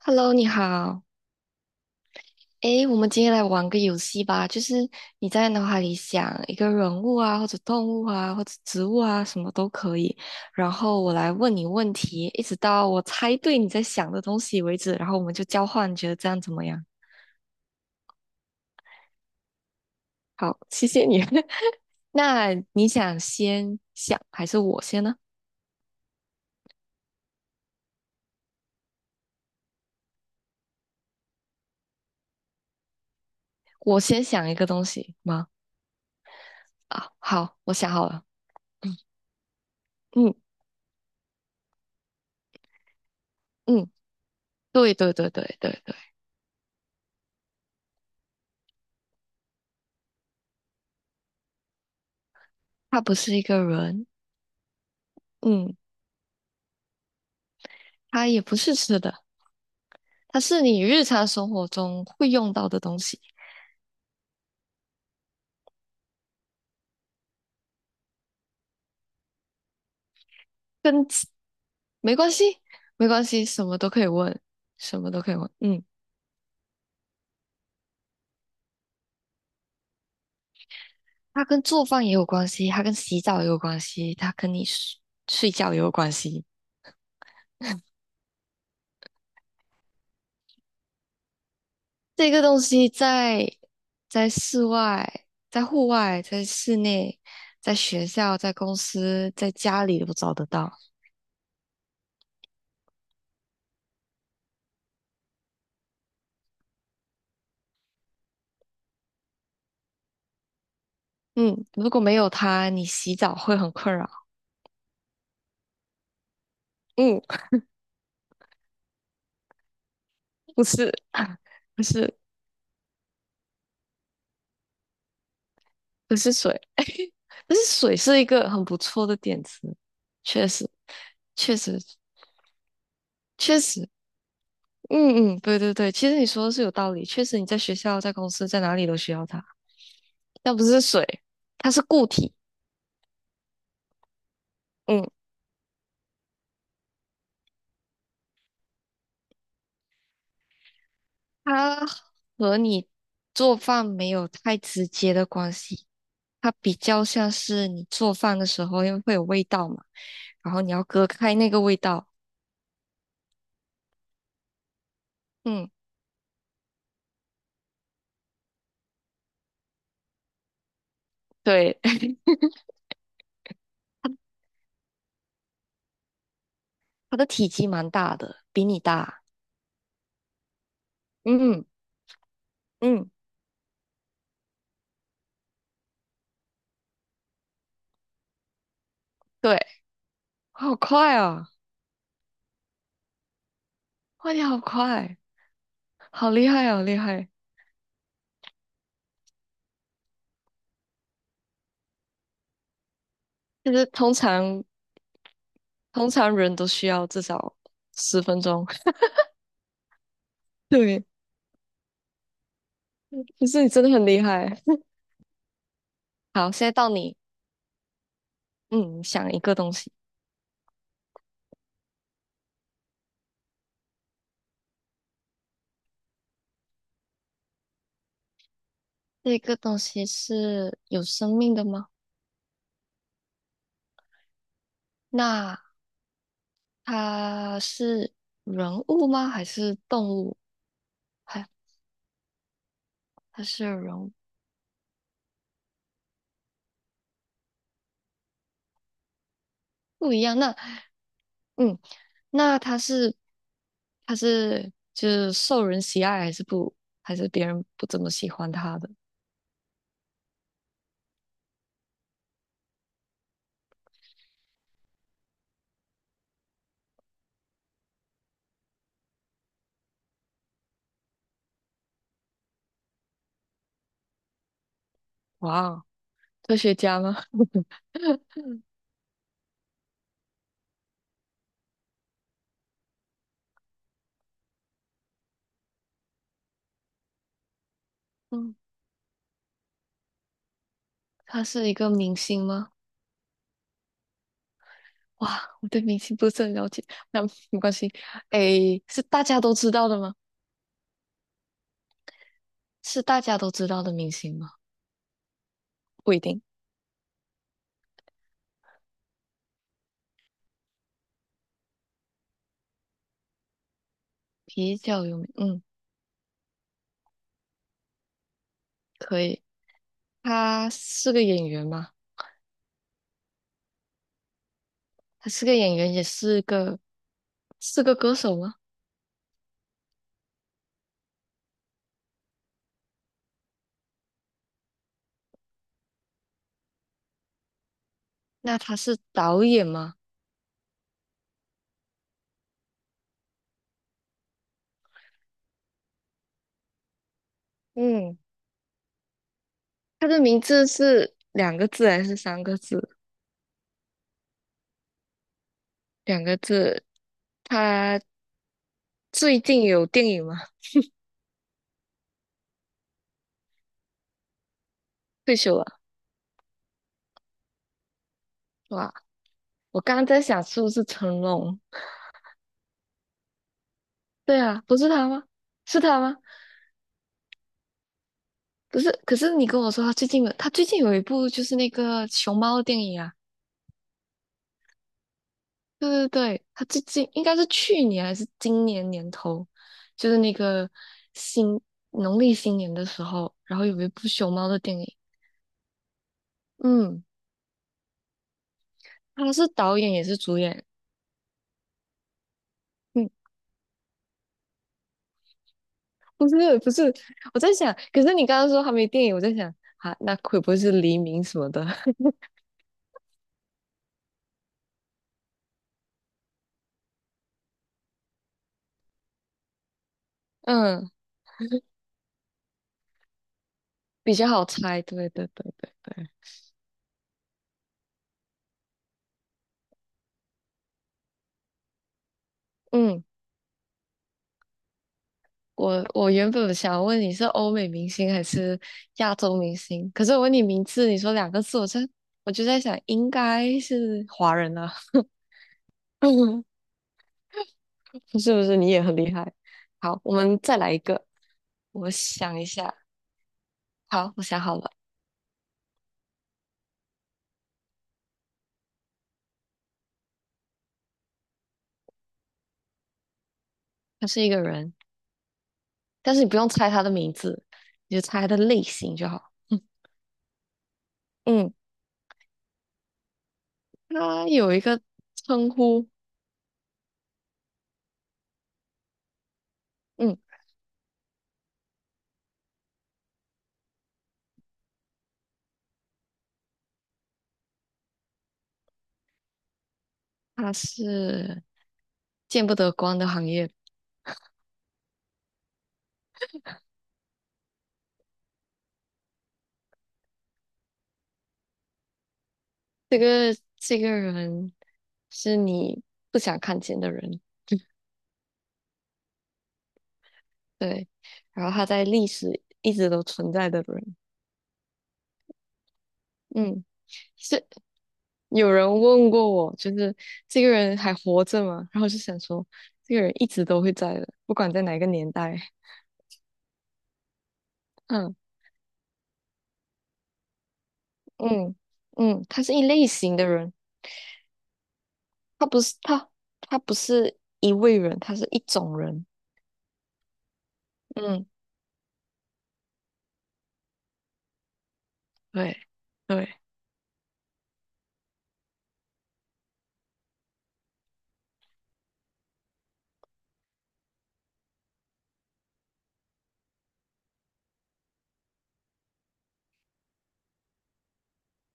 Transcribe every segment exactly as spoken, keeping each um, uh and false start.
Hello,你好。诶，我们今天来玩个游戏吧，就是你在脑海里想一个人物啊，或者动物啊，或者植物啊，什么都可以。然后我来问你问题，一直到我猜对你在想的东西为止。然后我们就交换，你觉得这样怎么样？好，谢谢你。那你想先想还是我先呢？我先想一个东西吗？啊，好，我想好了。嗯嗯嗯，对对对对对对，他不是一个人。嗯。它也不是吃的，它是你日常生活中会用到的东西，跟吃没关系，没关系，什么都可以问，什么都可以问。嗯，它跟做饭也有关系，它跟洗澡也有关系，它跟你睡睡觉也有关系。这个东西在在室外、在户外、在室内、在学校、在公司、在家里都找得到。嗯，如果没有它，你洗澡会很困扰。嗯，不是，不是。不是水，但是水是一个很不错的点子，确实，确实，确实，嗯嗯，对对对，其实你说的是有道理，确实你在学校、在公司、在哪里都需要它，但不是水，它是固体，嗯，它和你做饭没有太直接的关系，它比较像是你做饭的时候，因为会有味道嘛，然后你要隔开那个味道，嗯，对，它它的体积蛮大的，比你大，嗯嗯。对，好快啊！哇，你好快，好厉害啊，好厉害！就是通常通常人都需要至少十分钟。对，就是你真的很厉害。好，现在到你，嗯，想一个东西，这个东西是有生命的吗？那它是人物吗？还是动物？还它是人物不一样？那嗯，那他是他是就是受人喜爱，还是不还是别人不怎么喜欢他的？哇哦，科学家吗？嗯，他是一个明星吗？哇，我对明星不是很了解，那没关系。诶，是大家都知道的吗？是大家都知道的明星吗？不一定，比较有名。嗯，可以。他是个演员吗？他是个演员，也是个是个歌手吗？那他是导演吗？嗯。他的名字是两个字还是三个字？两个字。他最近有电影吗？退休了，吧？我刚刚在想是不是成龙？对啊，不是他吗？是他吗？不是，可是你跟我说他最近有，他最近有一部就是那个熊猫的电影啊。对对对，他最近应该是去年还是今年年头，就是那个新农历新年的时候，然后有一部熊猫的电影。嗯，他是导演也是主演。嗯不是不是，我在想，可是你刚刚说还没电影，我在想啊，那会不会是黎明什么的？嗯，比较好猜。对对对对对，嗯，我我原本想问你是欧美明星还是亚洲明星，可是我问你名字，你说两个字，我真我就在想应该是华人啊，不是不是，你也很厉害。好，我们再来一个，我想一下。好，我想好了，他是一个人。但是你不用猜他的名字，你就猜他的类型就好。嗯他有一个称呼，嗯，他是见不得光的行业。这个这个人是你不想看见的人，对。然后他在历史一直都存在的人，嗯，是有人问过我，就是这个人还活着吗？然后我就想说，这个人一直都会在的，不管在哪个年代，嗯嗯嗯，他是一类型的人。他不是他，他不是一位人，他是一种人。嗯，对对，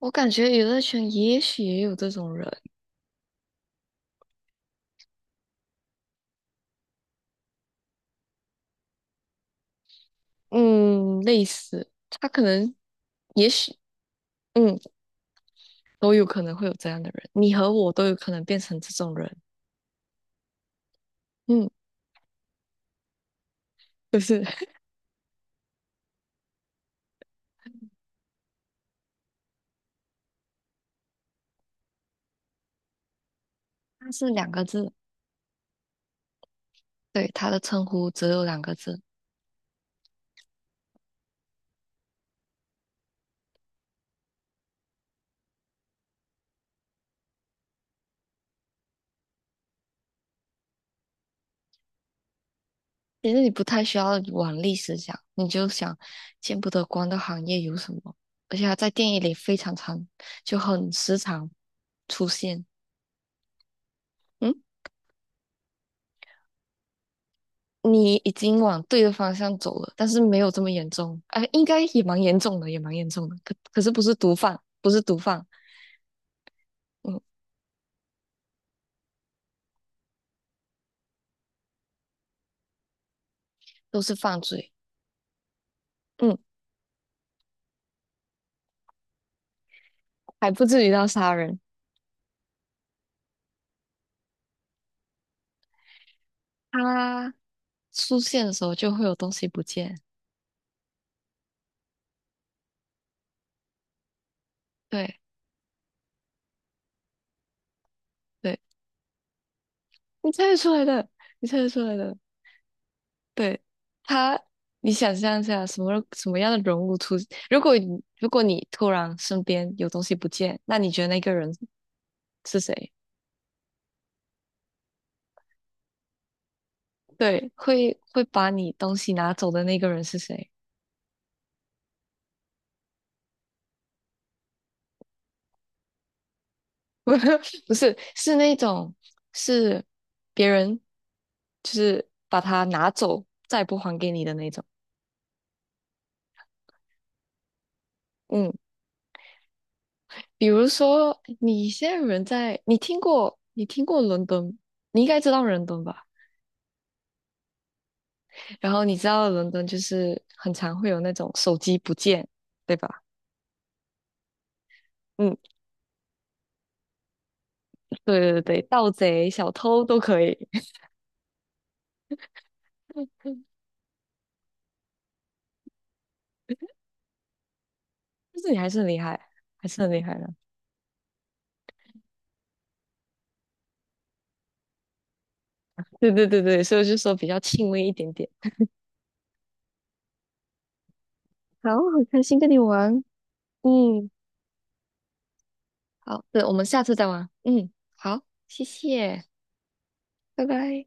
我感觉娱乐圈也许也有这种人，嗯，类似，他可能，也许，嗯，都有可能会有这样的人，你和我都有可能变成这种人。嗯，就是 他是两个字，对，他的称呼只有两个字。其实你不太需要往历史想，你就想见不得光的行业有什么，而且它在电影里非常常，就很时常出现。嗯，你已经往对的方向走了，但是没有这么严重，啊、应该也蛮严重的，也蛮严重的。可可是不是毒贩，不是毒贩，嗯，都是犯罪，嗯，还不至于到杀人。他出现的时候就会有东西不见，对对，你猜得出来的，你猜得出来的。对他，你想象一下，什么什么样的人物出？如果你如果你突然身边有东西不见，那你觉得那个人是谁？对，会会把你东西拿走的那个人是谁？不是，是那种是别人，就是把它拿走，再也不还给你的那种。嗯，比如说你现在人在，你听过你听过伦敦，你应该知道伦敦吧？然后你知道伦敦就是很常会有那种手机不见，对吧？嗯，对对对，盗贼、小偷都可以，但是你还是很厉害，还是很厉害的。对对对对，所以我就说比较轻微一点点。好，很开心跟你玩。嗯，好，对，我们下次再玩。嗯，好，谢谢，拜拜。